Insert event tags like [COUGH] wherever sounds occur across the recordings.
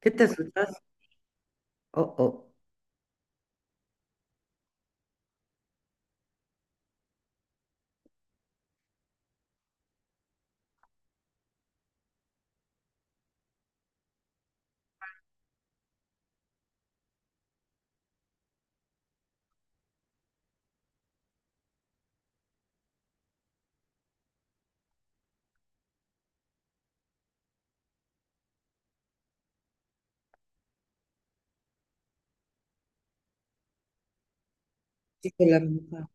Che ti è successo? Oh oh. Sì, con l'amica.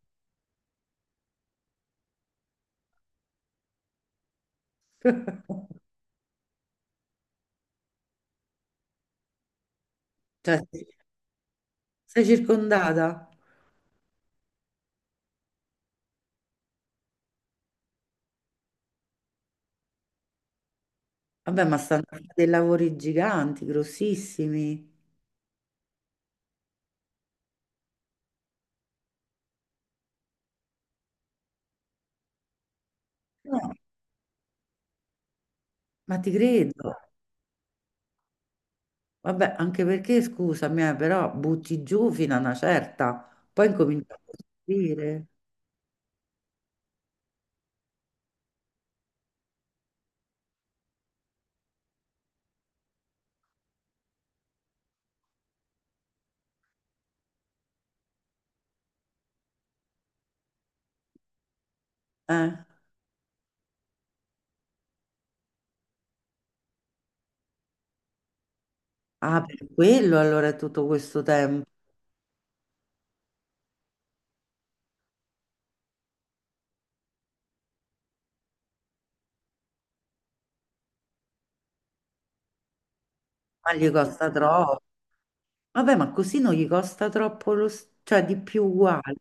Cioè sei circondata? Vabbè, ma stanno a fare dei lavori giganti, grossissimi. No, ma ti credo. Vabbè, anche perché, scusami, però butti giù fino a una certa, poi incominci a costruire. Eh? Ah, per quello allora è tutto questo tempo. Ma gli costa troppo. Vabbè, ma così non gli costa troppo lo, s- cioè di più uguale.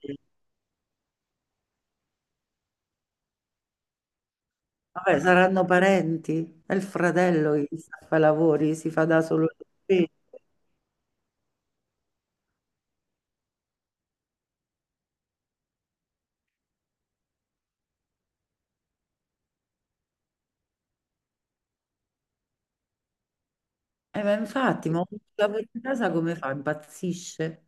Vabbè, saranno parenti? È il fratello che gli sta a fare i lavori, si fa da solo le spese. Ma infatti, ma un lavoro in casa come fa? Impazzisce?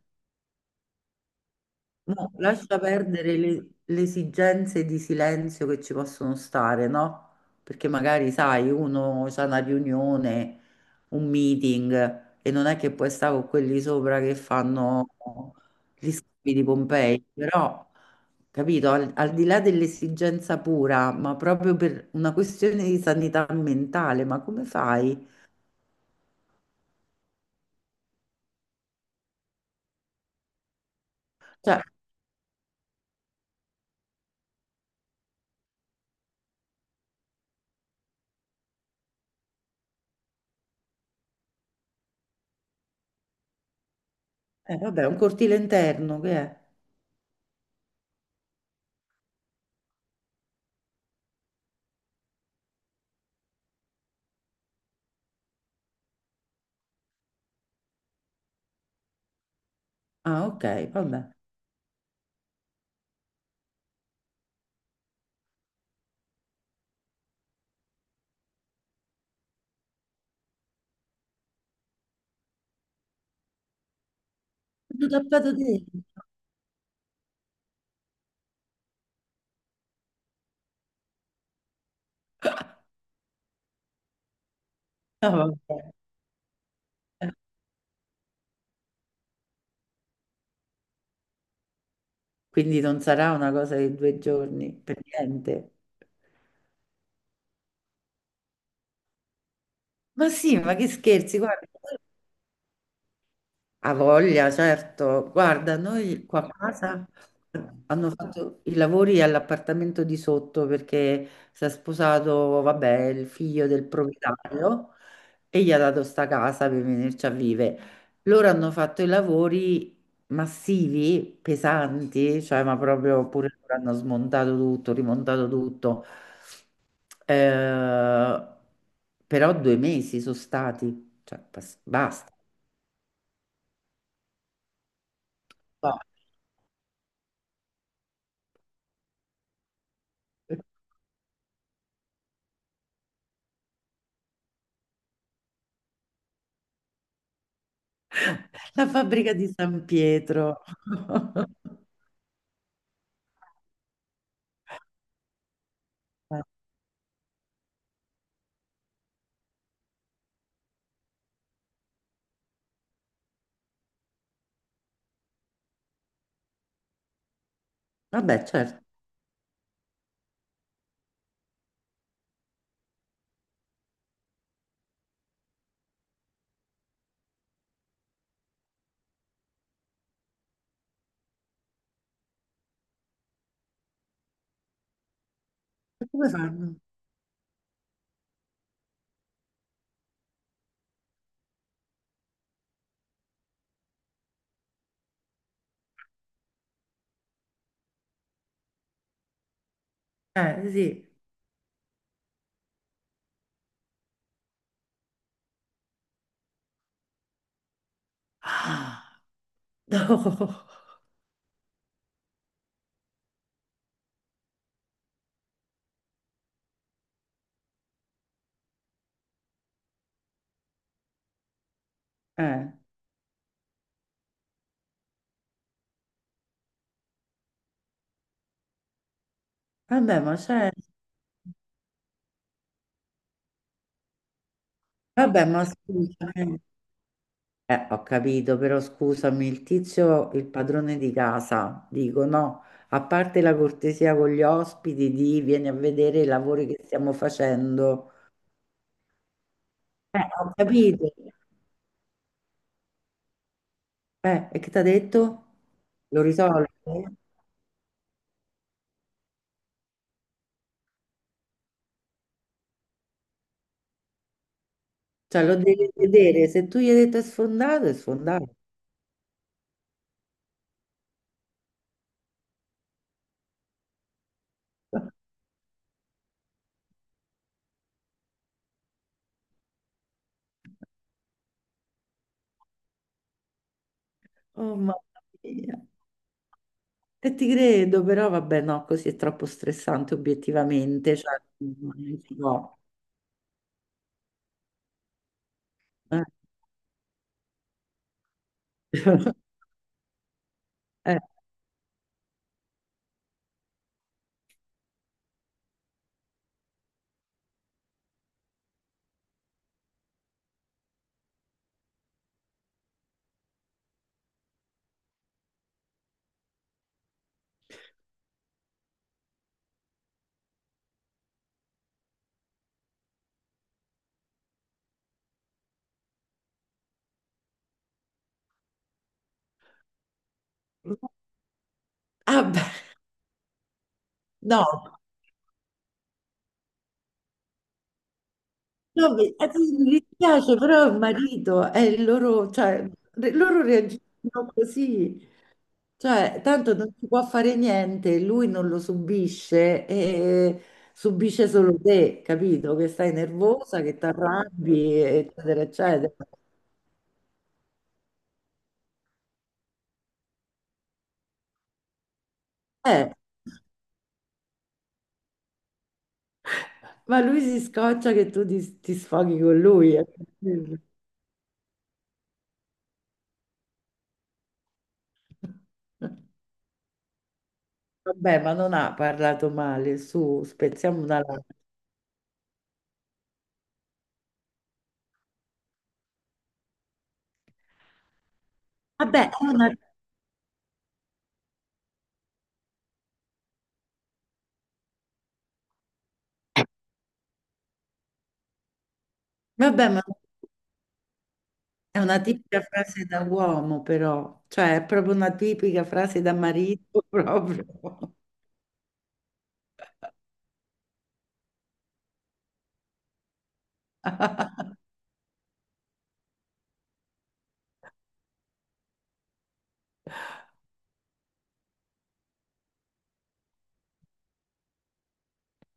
No, lascia perdere le esigenze di silenzio che ci possono stare, no? Perché magari, sai, uno ha una riunione, un meeting e non è che puoi stare con quelli sopra che fanno gli scavi di Pompei, però, capito, al, al di là dell'esigenza pura, ma proprio per una questione di sanità mentale, ma come fai? Cioè, vabbè, un cortile interno che è? Ah, ok, vabbè. Tutto tappato di... No, vabbè. Quindi non sarà una cosa di 2 giorni, per niente. Ma sì, ma che scherzi, guarda, ha voglia, certo. Guarda, noi qua a casa hanno fatto i lavori all'appartamento di sotto perché si è sposato, vabbè, il figlio del proprietario e gli ha dato sta casa per venirci a vivere. Loro hanno fatto i lavori massivi, pesanti, cioè ma proprio pure loro hanno smontato tutto, rimontato tutto. Eh, però 2 mesi sono stati, cioè bas- basta. La fabbrica di San Pietro. [LAUGHS] Eh, vabbè, certo. E come fanno? Sì. Ah, no. Eh, vabbè, ma c'è... Vabbè, ma scusami. Eh, ho capito, però scusami, il tizio, il padrone di casa, dico no, a parte la cortesia con gli ospiti di vieni a vedere i lavori che stiamo facendo. Ho capito. E che ti ha detto? Lo risolve? Cioè, lo devi vedere, se tu gli hai detto è sfondato, è sfondato. Oh mamma mia. E ti credo, però vabbè, no, così è troppo stressante obiettivamente, cioè, non si può. Eh. [LAUGHS] Eh. Ah, beh, no, no, mi sì, mi dispiace, però il marito è il loro, cioè, re- loro reagiscono così. Cioè, tanto non si può fare niente, lui non lo subisce e subisce solo te, capito? Che stai nervosa, che ti arrabbi, eccetera, eccetera. Eh, ma lui si scoccia che tu ti, ti sfoghi con lui. Eh. Vabbè, ma non ha parlato male, su, spezziamo una lancia. Vabbè, è una, vabbè, ma è una tipica frase da uomo, però, cioè, è proprio una tipica frase da marito, [LAUGHS] proprio.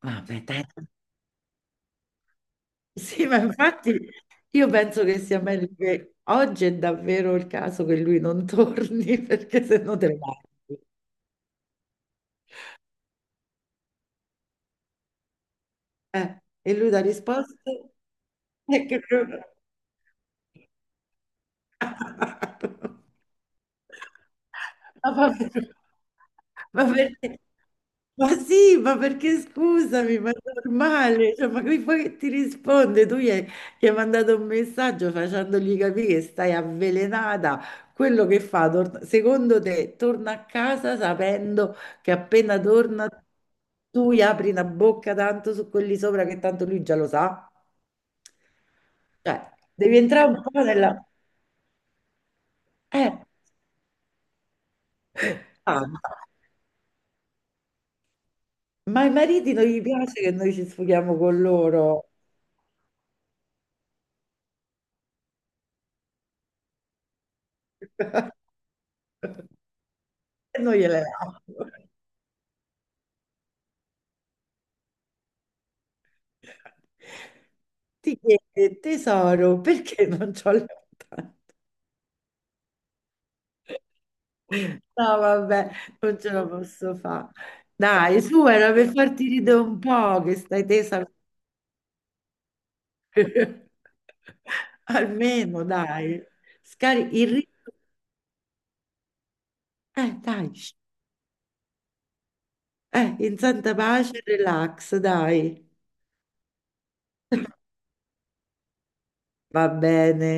Vabbè, dai. Sì, ma infatti io penso che sia meglio che oggi è davvero il caso che lui non torni [LAUGHS] perché se no te ne vai. E lui la risposta è [LAUGHS] che... [LAUGHS] Ma va bene. Ma perché? Ma sì, ma perché scusami, ma è normale, cioè, ma qui poi ti risponde, tu gli hai mandato un messaggio facendogli capire che stai avvelenata, quello che fa, tor- secondo te, torna a casa sapendo che appena torna tu gli apri una bocca tanto su quelli sopra che tanto lui già lo sa, cioè devi entrare un po' nella... Eh, calma. Ma ai mariti non gli piace che noi ci sfughiamo con loro [LAUGHS] e noi gliele diamo. Ti chiede, tesoro, perché non c'ho le mutande? No, vabbè, non ce la posso fare. Dai, su, era per farti ridere un po', che stai tesa. [LAUGHS] Almeno, dai. Scarica il ritmo. Dai. Shh. In santa pace, relax, dai. Va bene,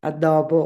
a dopo.